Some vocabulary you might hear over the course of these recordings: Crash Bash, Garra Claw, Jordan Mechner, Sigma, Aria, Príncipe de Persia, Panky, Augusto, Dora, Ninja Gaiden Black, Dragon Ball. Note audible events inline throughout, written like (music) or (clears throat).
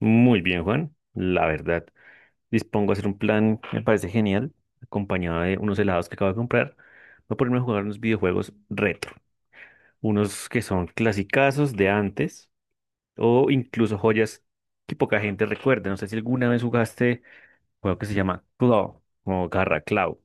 Muy bien, Juan, la verdad. Dispongo a hacer un plan, me parece genial, acompañado de unos helados que acabo de comprar. Voy a ponerme a jugar unos videojuegos retro, unos que son clasicazos de antes o incluso joyas que poca gente recuerda. No sé si alguna vez jugaste un juego que se llama Claw o Garra Claw.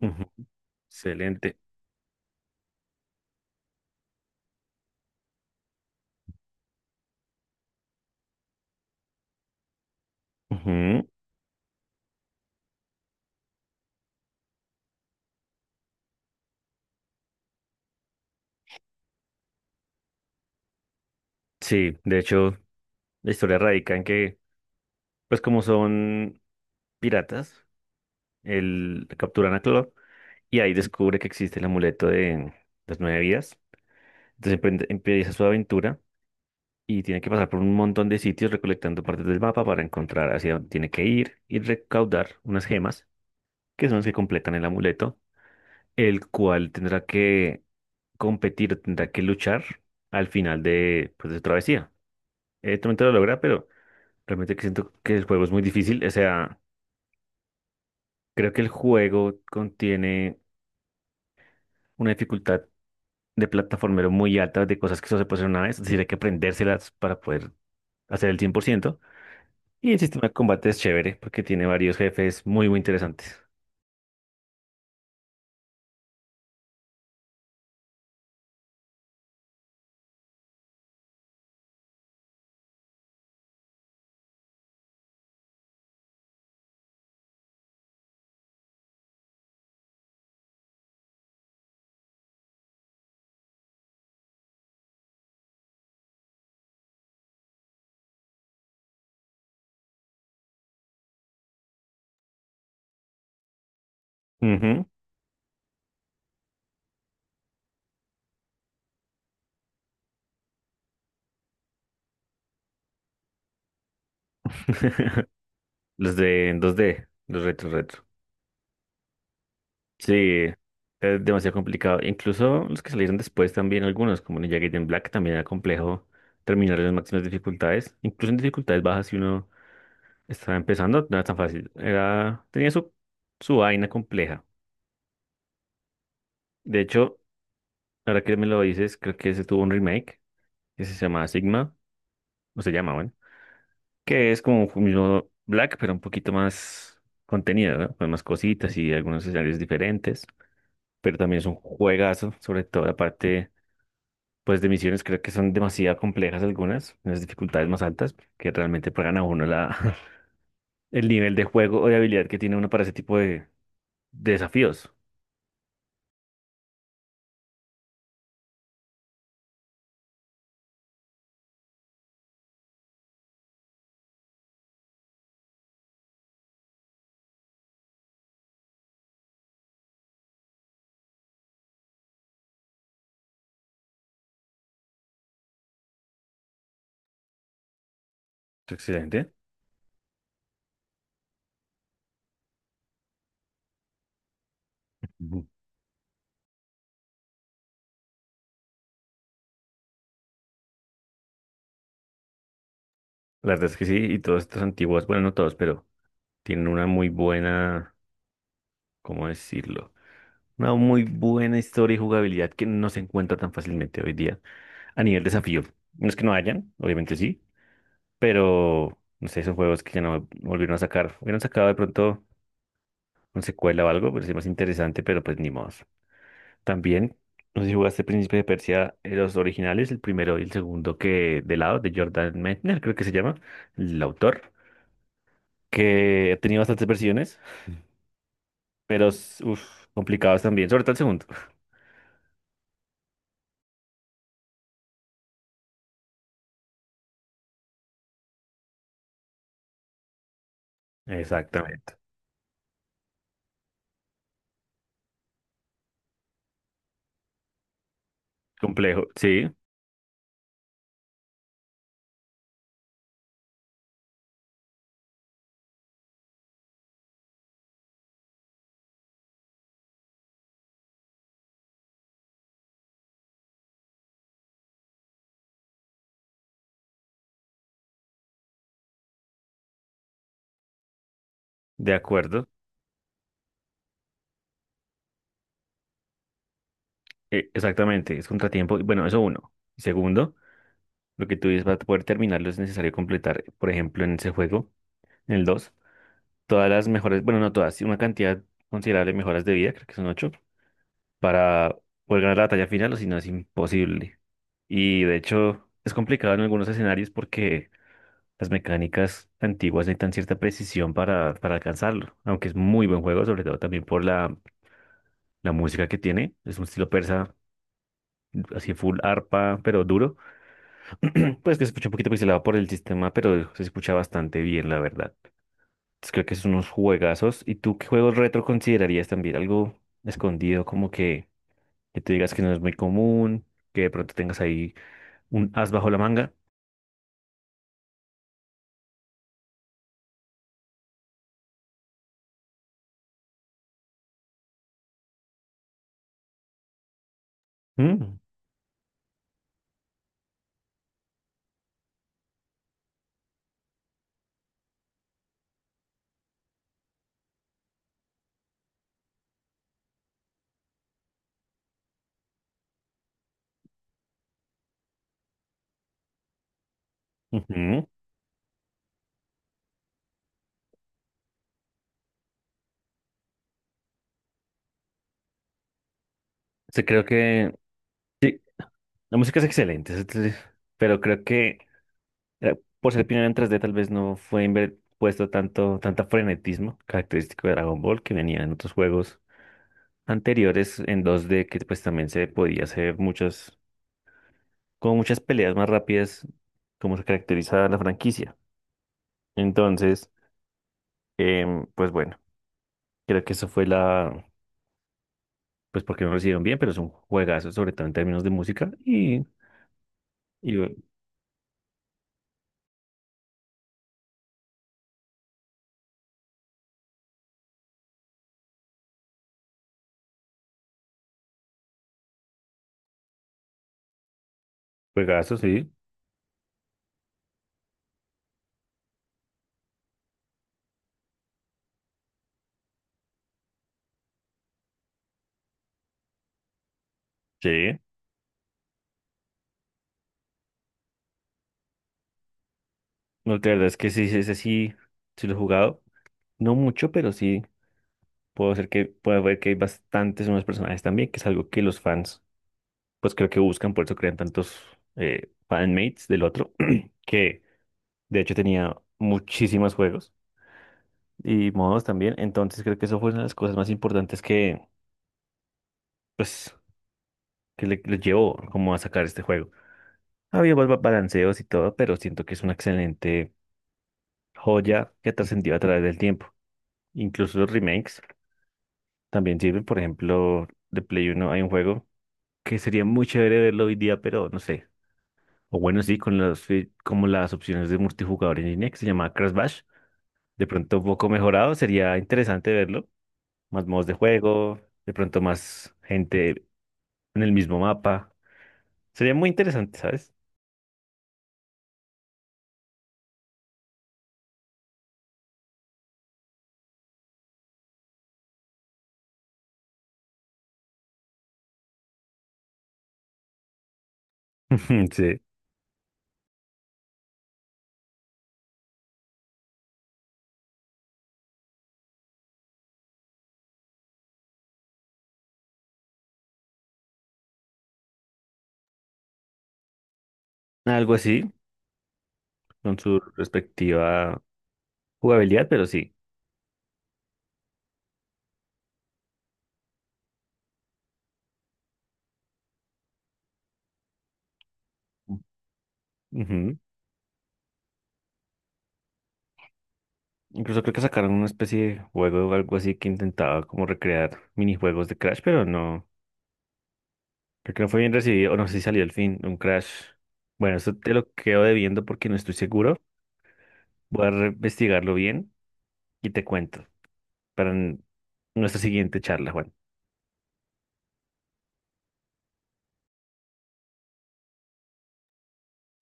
Ujú. Excelente. Ujú. Sí, de hecho, la historia radica en que, pues como son piratas, el capturan a Claw y ahí descubre que existe el amuleto de las nueve vidas. Entonces empieza su aventura y tiene que pasar por un montón de sitios recolectando partes del mapa para encontrar hacia dónde tiene que ir y recaudar unas gemas, que son las que completan el amuleto, el cual tendrá que competir, tendrá que luchar al final de, pues, de su travesía. Evidentemente lo logra, pero realmente que siento que el juego es muy difícil. O sea, creo que el juego contiene una dificultad de plataformero muy altas, de cosas que solo se puede hacer una vez, es decir, hay que aprendérselas para poder hacer el 100%. Y el sistema de combate es chévere porque tiene varios jefes muy, muy interesantes. Ujú. (laughs) Los de en 2D, los retro. Sí, es demasiado complicado. Incluso los que salieron después también, algunos, como Ninja Gaiden Black, también era complejo terminar en las máximas dificultades. Incluso en dificultades bajas, si uno estaba empezando, no era tan fácil. Era, tenía su, su vaina compleja. De hecho, ahora que me lo dices, creo que ese tuvo un remake que se llama Sigma, o se llama, bueno, que es como un mismo Black, pero un poquito más contenido, ¿no? Con más cositas y algunos escenarios diferentes, pero también es un juegazo, sobre todo la parte, pues, de misiones, creo que son demasiado complejas algunas, unas dificultades más altas, que realmente pagan a uno la, (laughs) el nivel de juego o de habilidad que tiene uno para ese tipo de desafíos. Excelente. Ujú. La verdad es que sí, y todos estos antiguos, bueno, no todos, pero tienen una muy buena, ¿cómo decirlo? Una muy buena historia y jugabilidad que no se encuentra tan fácilmente hoy día a nivel desafío. No es que no hayan, obviamente sí, pero no sé, esos juegos que ya no volvieron a sacar. Hubieran sacado de pronto una secuela o algo, pero sí más interesante, pero pues ni modo. También, no sé si jugaste Príncipe de Persia, los originales, el primero y el segundo que de lado, de Jordan Mechner, creo que se llama, el autor, que ha tenido bastantes versiones, pero uff, complicados también, sobre todo el segundo. Exactamente. Complejo, sí, de acuerdo. Exactamente, es contratiempo. Bueno, eso uno. Y segundo, lo que tú dices para poder terminarlo es necesario completar, por ejemplo, en ese juego, en el 2, todas las mejores, bueno, no todas, sí, una cantidad considerable de mejoras de vida, creo que son 8, para poder ganar la batalla final o si no es imposible. Y de hecho, es complicado en algunos escenarios porque las mecánicas antiguas necesitan cierta precisión para alcanzarlo, aunque es muy buen juego, sobre todo también por la, la música que tiene, es un estilo persa así full arpa, pero duro. (clears throat) Pues que se escucha un poquito pixelado por el sistema, pero se escucha bastante bien, la verdad. Entonces, creo que son unos juegazos. ¿Y tú qué juegos retro considerarías también? Algo escondido, como que tú digas que no es muy común, que de pronto tengas ahí un as bajo la manga. Mm, ujú. Sí, creo que la música es excelente, pero creo que por ser pionera en 3D tal vez no puesto tanto, tanta frenetismo característico de Dragon Ball que venía en otros juegos anteriores en 2D que pues también se podía hacer muchas, como muchas peleas más rápidas como se caracteriza la franquicia. Entonces, pues bueno, creo que eso fue la, pues porque no lo hicieron bien, pero es un juegazo, sobre todo en términos de música y, y bu- juegazo, sí. Sí. No, la verdad es que sí, sí, ese sí, sí lo he jugado. No mucho, pero sí puedo hacer que puedo ver que hay bastantes nuevos personajes también, que es algo que los fans pues creo que buscan, por eso crean tantos fanmates del otro, (clears throat) que de hecho tenía muchísimos juegos y modos también. Entonces creo que eso fue una de las cosas más importantes que, pues, que le llevó como a sacar este juego. Había balanceos y todo, pero siento que es una excelente joya que trascendió a través del tiempo. Incluso los remakes también sirven, por ejemplo, de Play uno hay un juego que sería muy chévere verlo hoy día, pero no sé. O bueno, sí, como las opciones de multijugador en línea que se llama Crash Bash. De pronto un poco mejorado, sería interesante verlo. Más modos de juego, de pronto más gente en el mismo mapa. Sería muy interesante, ¿sabes? (laughs) Sí. Algo así, con su respectiva jugabilidad, pero sí. Ujú. Incluso creo que sacaron una especie de juego o algo así que intentaba como recrear minijuegos de Crash, pero no. Creo que no fue bien recibido, o no sé si salió el fin, un crash. Bueno, eso te lo quedo debiendo porque no estoy seguro. Voy a investigarlo bien y te cuento para nuestra siguiente charla, Juan.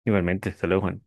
Igualmente, hasta luego, Juan.